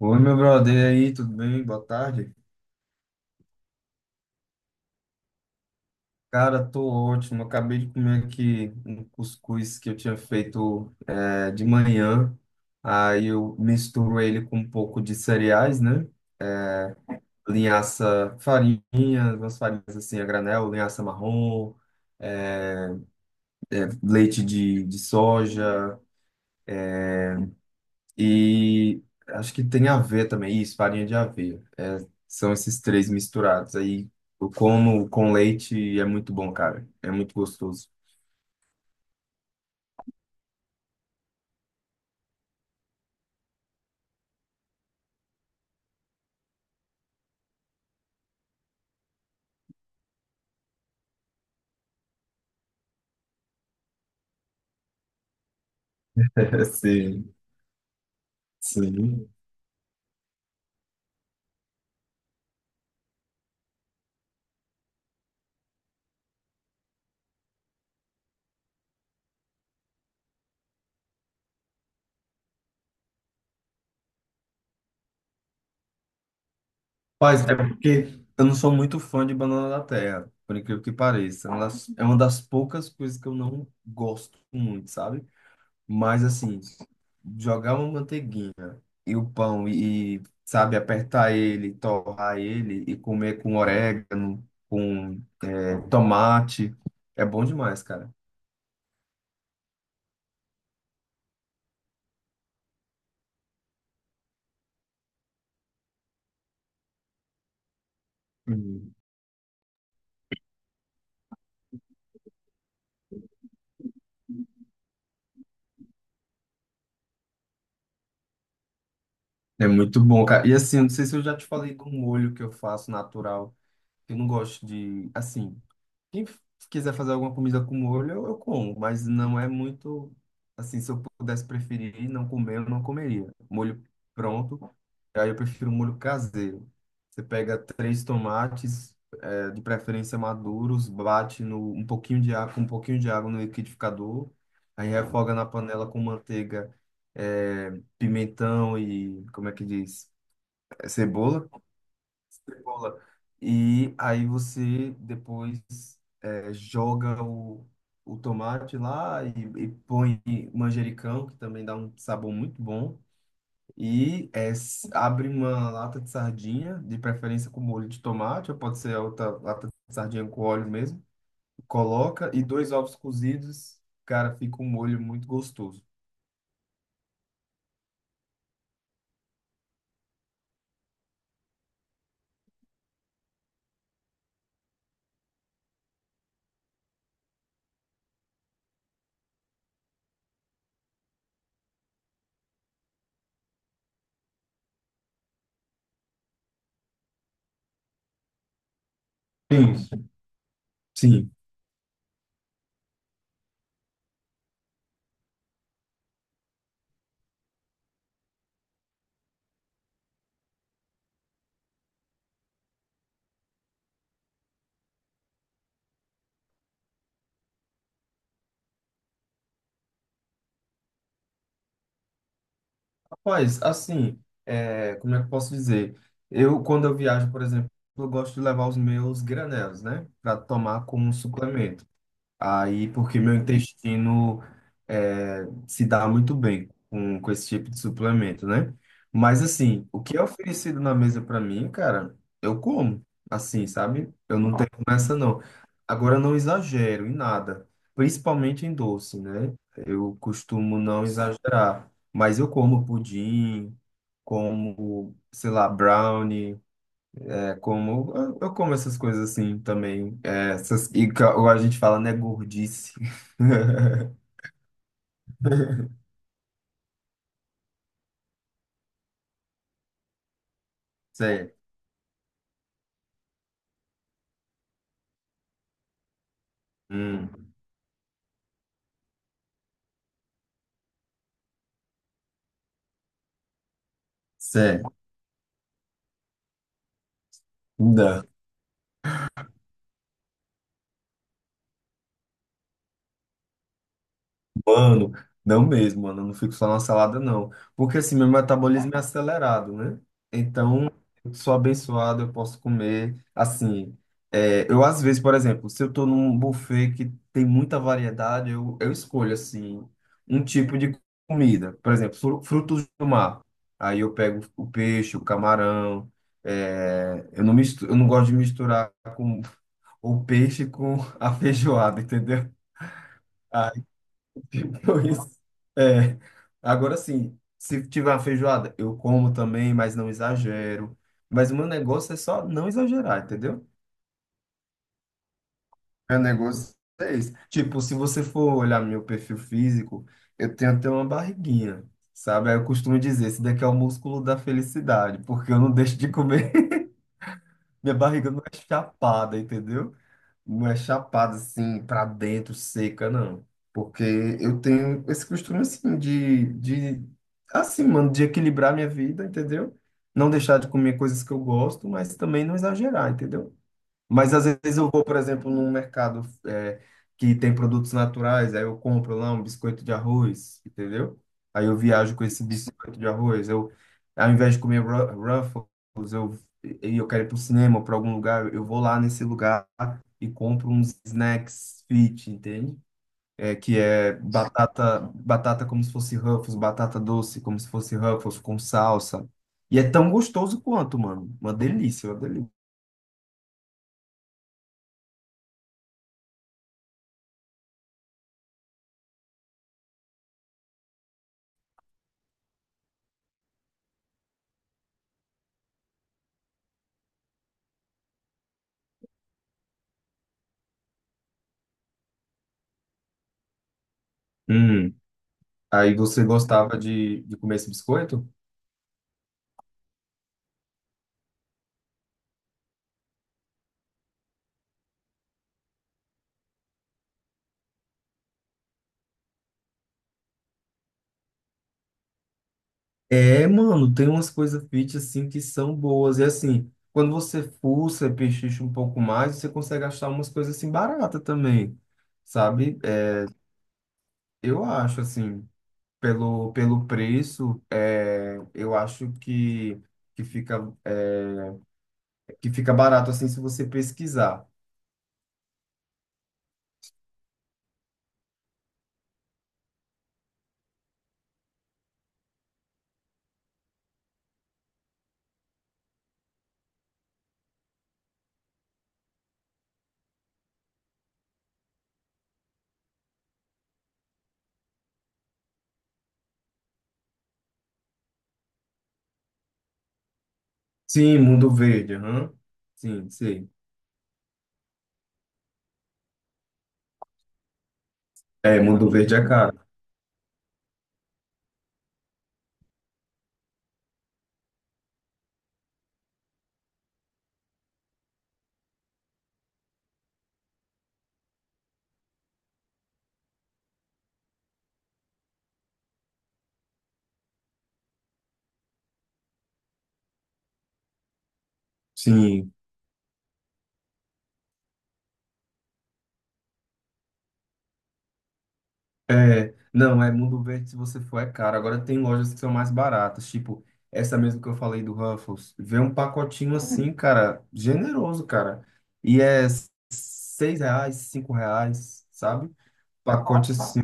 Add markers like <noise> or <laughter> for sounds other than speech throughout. Oi, meu brother, e aí, tudo bem? Boa tarde. Cara, tô ótimo. Acabei de comer aqui um cuscuz que eu tinha feito de manhã. Aí eu misturo ele com um pouco de cereais, né? Linhaça, farinha, umas farinhas assim a granel, linhaça marrom, leite de soja e acho que tem aveia também, isso, farinha de aveia. São esses três misturados. Aí eu como com leite e é muito bom, cara. É muito gostoso. <laughs> Sim. Sim. Mas é porque eu não sou muito fã de banana da terra, por incrível que pareça. É uma das poucas coisas que eu não gosto muito, sabe? Mas assim, jogar uma manteiguinha e o pão e, sabe, apertar ele, torrar ele e comer com orégano, com tomate, é bom demais, cara. Hum. É muito bom, cara. E assim, eu não sei se eu já te falei do molho que eu faço natural. Eu não gosto de, assim. Quem f- Quiser fazer alguma comida com molho, eu como, mas não é muito assim, se eu pudesse preferir não comer, eu não comeria. Molho pronto, aí eu prefiro molho caseiro. Você pega três tomates, de preferência maduros, bate no, um pouquinho de água, com um pouquinho de água no liquidificador, aí refoga na panela com manteiga, pimentão e, como é que diz? Cebola. Cebola. E aí você depois joga o tomate lá e, põe manjericão, que também dá um sabor muito bom. E abre uma lata de sardinha, de preferência com molho de tomate, ou pode ser outra lata de sardinha com óleo mesmo. Coloca e dois ovos cozidos, cara, fica um molho muito gostoso. Sim. Sim. Rapaz, assim, como é que eu posso dizer? Eu, quando eu viajo, por exemplo, eu gosto de levar os meus granelos, né? Para tomar como suplemento. Aí, porque meu intestino se dá muito bem com esse tipo de suplemento, né? Mas, assim, o que é oferecido na mesa pra mim, cara, eu como, assim, sabe? Eu não tenho essa, não. Agora, eu não exagero em nada, principalmente em doce, né? Eu costumo não exagerar, mas eu como pudim, como, sei lá, brownie. É como eu como essas coisas assim também. É, essas, ou a gente fala, né, gordice. <laughs> Cê, hum, cê, Mano, não mesmo, mano. Eu não fico só na salada, não. Porque assim, meu metabolismo é acelerado, né? Então, eu sou abençoado, eu posso comer. Assim, eu às vezes, por exemplo, se eu tô num buffet que tem muita variedade, eu escolho, assim, um tipo de comida. Por exemplo, frutos do mar. Aí eu pego o peixe, o camarão. Eu não gosto de misturar com o peixe com <laughs> a feijoada, entendeu? <laughs> Depois, é, agora sim, se tiver uma feijoada, eu como também, mas não exagero. Mas o meu negócio é só não exagerar, entendeu? Meu negócio é esse. Tipo, se você for olhar meu perfil físico, eu tenho até uma barriguinha, sabe? Aí eu costumo dizer, esse daqui é o músculo da felicidade, porque eu não <laughs> deixo de comer. <laughs> Minha barriga não é chapada, entendeu? Uma chapada assim pra dentro, seca, não. Porque eu tenho esse costume assim de assim, mano, de equilibrar minha vida, entendeu? Não deixar de comer coisas que eu gosto, mas também não exagerar, entendeu? Mas às vezes eu vou, por exemplo, num mercado que tem produtos naturais, aí eu compro lá um biscoito de arroz, entendeu? Aí eu viajo com esse biscoito de arroz. Eu, ao invés de comer Ruffles, e eu quero ir para o cinema, para algum lugar, eu vou lá nesse lugar e compro uns snacks fit, entende? É, que é batata, batata como se fosse Ruffles, batata doce como se fosse Ruffles com salsa. E é tão gostoso quanto, mano. Uma delícia, uma delícia. Hum. Aí você gostava de comer esse biscoito? É, mano, tem umas coisas fit assim que são boas. E assim, quando você fuça, pechicha um pouco mais, você consegue achar umas coisas assim baratas também, sabe? É, eu acho assim, pelo preço, eu acho que fica, que fica barato assim se você pesquisar. Sim, Mundo Verde, aham. Sim, sim. É, Mundo Verde é caro. Sim. É, não, é Mundo Verde, se você for, é caro. Agora tem lojas que são mais baratas, tipo essa mesmo que eu falei do Ruffles. Vê um pacotinho assim, cara, generoso, cara. E é R$ 6, R$ 5, sabe? Pacote. Nossa.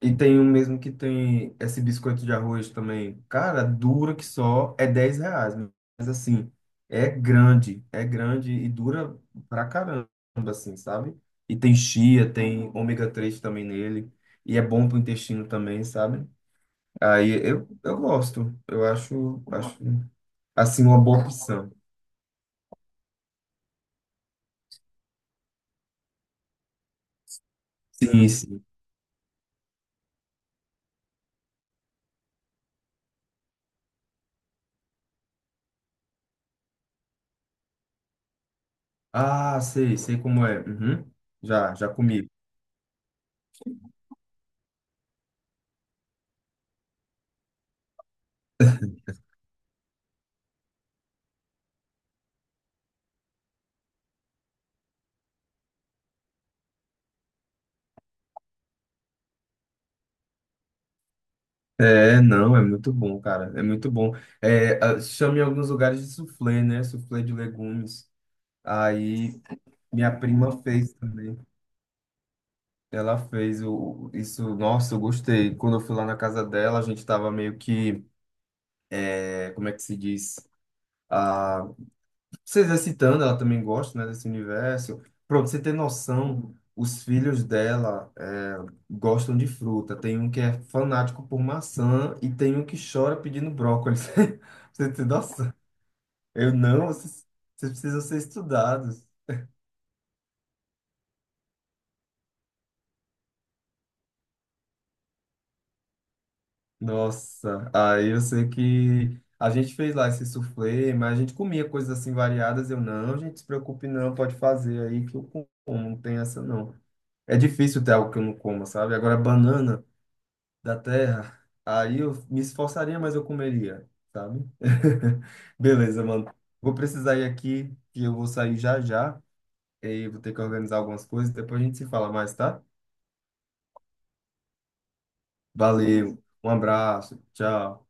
E tem um mesmo que tem esse biscoito de arroz também. Cara, dura que só, é R$ 10, mas assim, é grande e dura pra caramba, assim, sabe? E tem chia, tem ômega 3 também nele, e é bom pro intestino também, sabe? Aí eu gosto, eu assim, uma boa opção. Sim, sim. Ah, sei, sei como é. Uhum. Já, já comi. É, não, é muito bom, cara. É muito bom. É, chama em alguns lugares de soufflé, né? Soufflé de legumes. Aí minha prima fez também. Ela fez o, isso. Nossa, eu gostei. Quando eu fui lá na casa dela, a gente tava meio que, como é que se diz? Ah, se exercitando, ela também gosta, né, desse universo. Pronto, você ter noção, os filhos dela gostam de fruta. Tem um que é fanático por maçã e tem um que chora pedindo brócolis. <laughs> Você tem noção? Eu não, vocês precisam ser estudados. Nossa, aí eu sei que a gente fez lá esse soufflé, mas a gente comia coisas assim variadas. Eu não, gente, se preocupe não, pode fazer aí que eu como, não tem essa não. É difícil ter algo que eu não como, sabe? Agora, banana da terra, aí eu me esforçaria, mas eu comeria, sabe? <laughs> Beleza, mano. Vou precisar ir aqui, que eu vou sair já já, e vou ter que organizar algumas coisas, depois a gente se fala mais, tá? Valeu, um abraço, tchau.